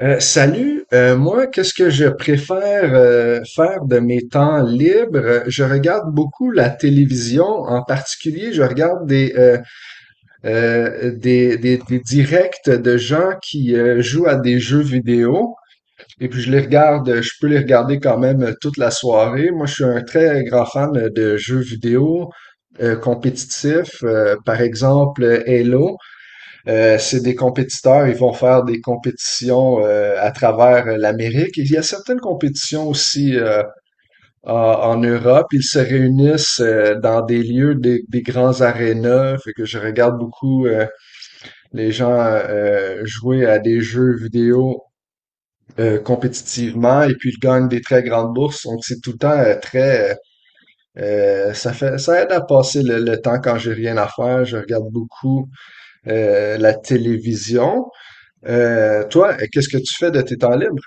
Moi, qu'est-ce que je préfère faire de mes temps libres? Je regarde beaucoup la télévision, en particulier, je regarde des directs de gens qui jouent à des jeux vidéo. Et puis je les regarde, je peux les regarder quand même toute la soirée. Moi, je suis un très grand fan de jeux vidéo compétitifs, par exemple Halo. C'est des compétiteurs, ils vont faire des compétitions à travers l'Amérique. Il y a certaines compétitions aussi en Europe. Ils se réunissent dans des lieux, des grands arénas. Fait que je regarde beaucoup les gens jouer à des jeux vidéo compétitivement et puis ils gagnent des très grandes bourses. Donc c'est tout le temps très euh. Ça fait ça aide à passer le temps quand j'ai rien à faire. Je regarde beaucoup la télévision. Toi, qu'est-ce que tu fais de tes temps libres?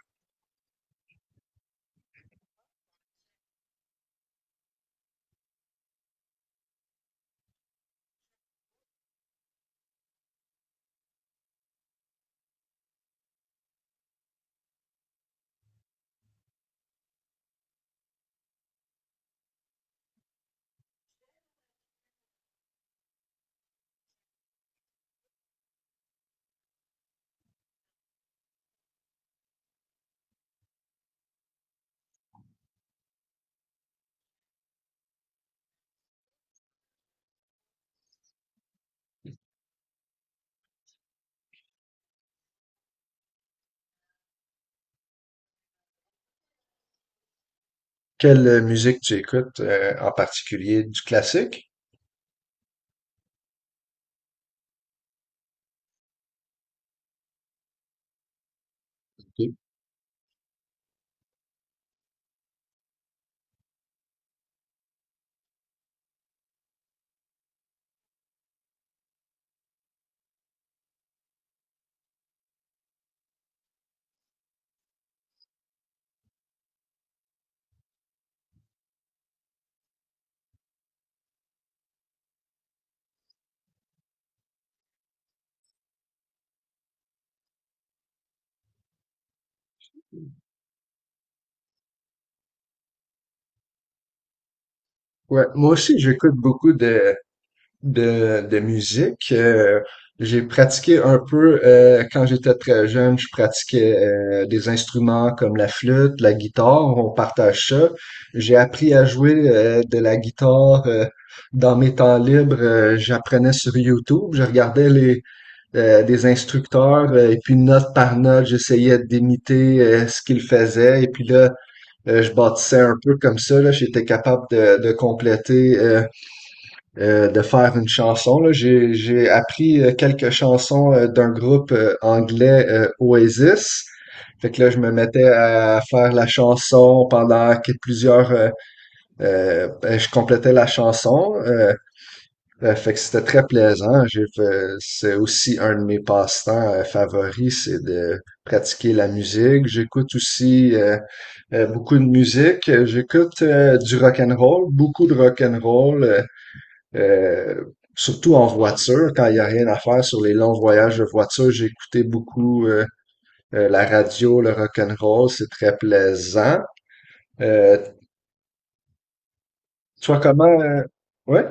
Quelle musique tu écoutes en particulier? Du classique? Ok. Ouais, moi aussi, j'écoute beaucoup de musique. J'ai pratiqué un peu quand j'étais très jeune, je pratiquais des instruments comme la flûte, la guitare, on partage ça. J'ai appris à jouer de la guitare dans mes temps libres. J'apprenais sur YouTube, je regardais des instructeurs et puis note par note, j'essayais d'imiter ce qu'ils faisaient et puis là, je bâtissais un peu comme ça, là, j'étais capable de compléter, de faire une chanson. Là. J'ai appris quelques chansons d'un groupe anglais Oasis. Fait que là, je me mettais à faire la chanson pendant que ben, je complétais la chanson. Fait que c'était très plaisant. J'ai fait, c'est aussi un de mes passe-temps favoris, c'est de pratiquer la musique. J'écoute aussi beaucoup de musique. J'écoute du rock and roll, beaucoup de rock and roll, euh, surtout en voiture quand il y a rien à faire sur les longs voyages de voiture. J'écoutais beaucoup la radio, le rock and roll, c'est très plaisant. Euh, Toi comment? Ouais?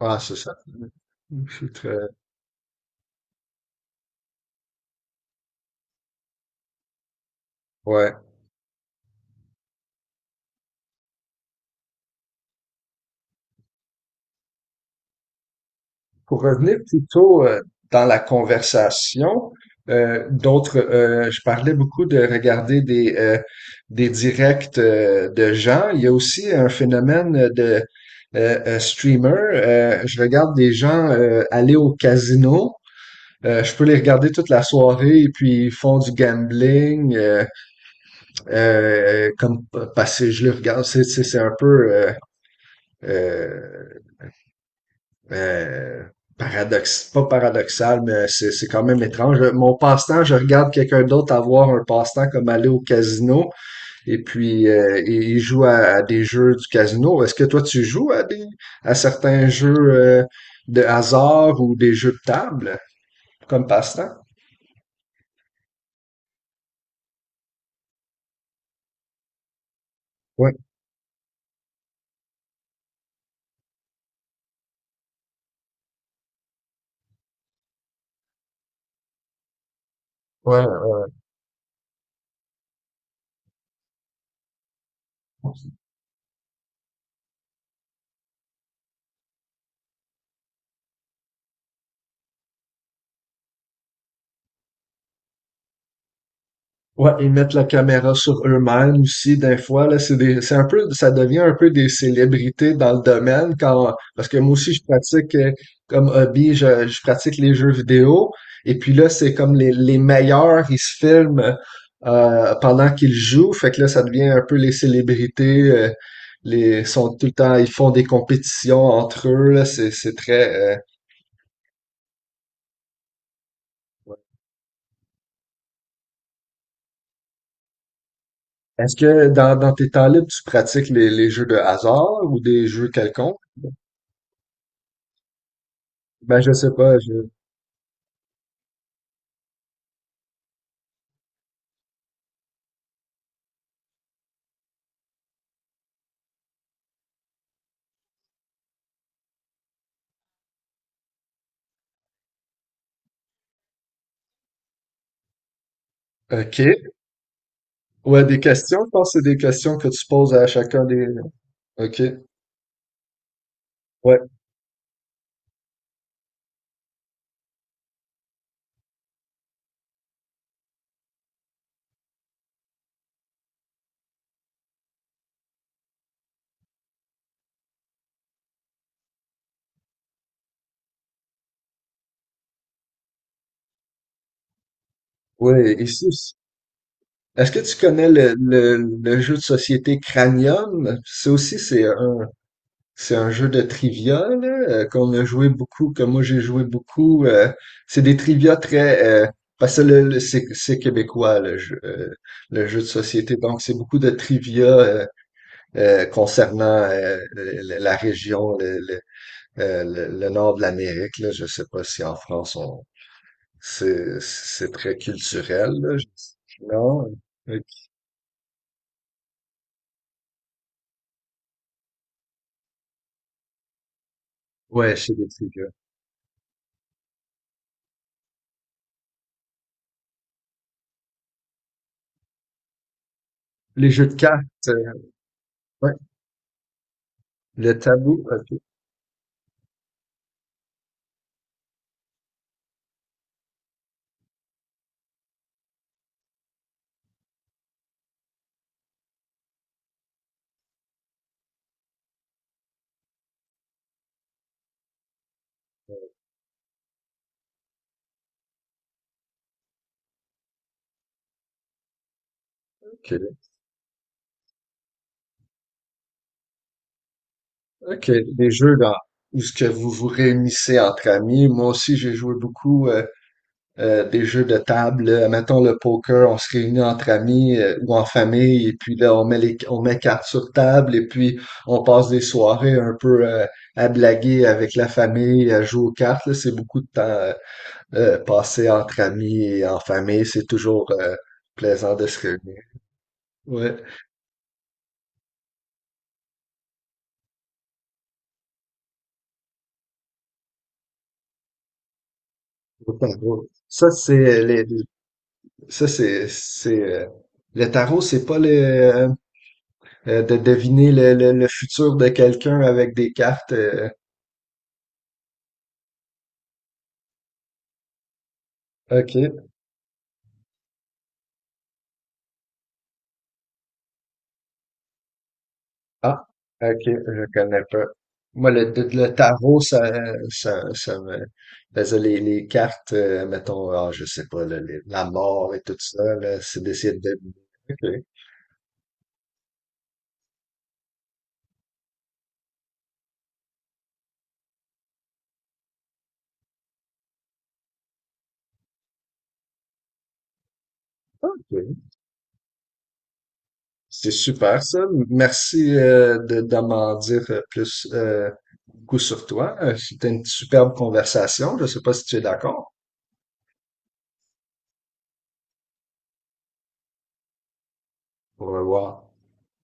Ah, c'est ça. Je suis très... Ouais. Pour revenir plutôt dans la conversation, je parlais beaucoup de regarder des directs de gens. Il y a aussi un phénomène de streamer. Je regarde des gens aller au casino. Je peux les regarder toute la soirée et puis ils font du gambling comme parce que je les regarde. C'est un peu euh, euh, paradoxe, pas paradoxal, mais c'est quand même étrange. Mon passe-temps, je regarde quelqu'un d'autre avoir un passe-temps comme aller au casino et puis il joue à des jeux du casino. Est-ce que toi tu joues à des à certains jeux de hasard ou des jeux de table comme passe-temps? Ouais, ouais, ouais. Ouais, ils mettent la caméra sur eux-mêmes aussi, des fois, là, c'est un peu, ça devient un peu des célébrités dans le domaine quand, parce que moi aussi, je pratique, comme hobby, je pratique les jeux vidéo. Et puis là, c'est comme les meilleurs, ils se filment, pendant qu'ils jouent. Fait que là, ça devient un peu les célébrités, les, sont tout le temps, ils font des compétitions entre eux, là, c'est très, ouais. Est-ce que dans tes temps libres, tu pratiques les jeux de hasard ou des jeux quelconques? Ben, je sais pas, je... OK. Ouais, des questions, je pense que c'est des questions que tu poses à chacun des... OK. Ouais. Ouais, ici. Est-ce que tu connais le jeu de société Cranium? C'est aussi, c'est un jeu de trivia, là, qu'on a joué beaucoup, que moi j'ai joué beaucoup. C'est des trivia très... parce que c'est québécois, le jeu de société. Donc, c'est beaucoup de trivia concernant la la région, Euh, le nord de l'Amérique, là, je sais pas si en France on c'est très culturel, là. Non. Ok. Ouais, chez les trucs. Les jeux de cartes, ouais. Le tabou, ok. Ok, ok. Les jeux dans où ce que vous vous réunissez entre amis. Moi aussi, j'ai joué beaucoup. Des jeux de table, là. Mettons le poker, on se réunit entre amis ou en famille, et puis là, on met les, on met cartes sur table, et puis on passe des soirées un peu à blaguer avec la famille, à jouer aux cartes. Là. C'est beaucoup de temps passé entre amis et en famille. C'est toujours plaisant de se réunir. Ouais. Au tarot. Ça, c'est les, ça, c'est, le tarot, c'est pas le, de deviner le futur de quelqu'un avec des cartes. OK. Ah, ok, je connais pas. Moi, le tarot, ça me faisait les cartes, mettons, ah, je sais pas, la mort et tout ça, là, c'est d'essayer de deviner. Ok. Ok. C'est super ça. Merci de m'en dire plus beaucoup sur toi. C'était une superbe conversation. Je sais pas si tu es d'accord. Au revoir.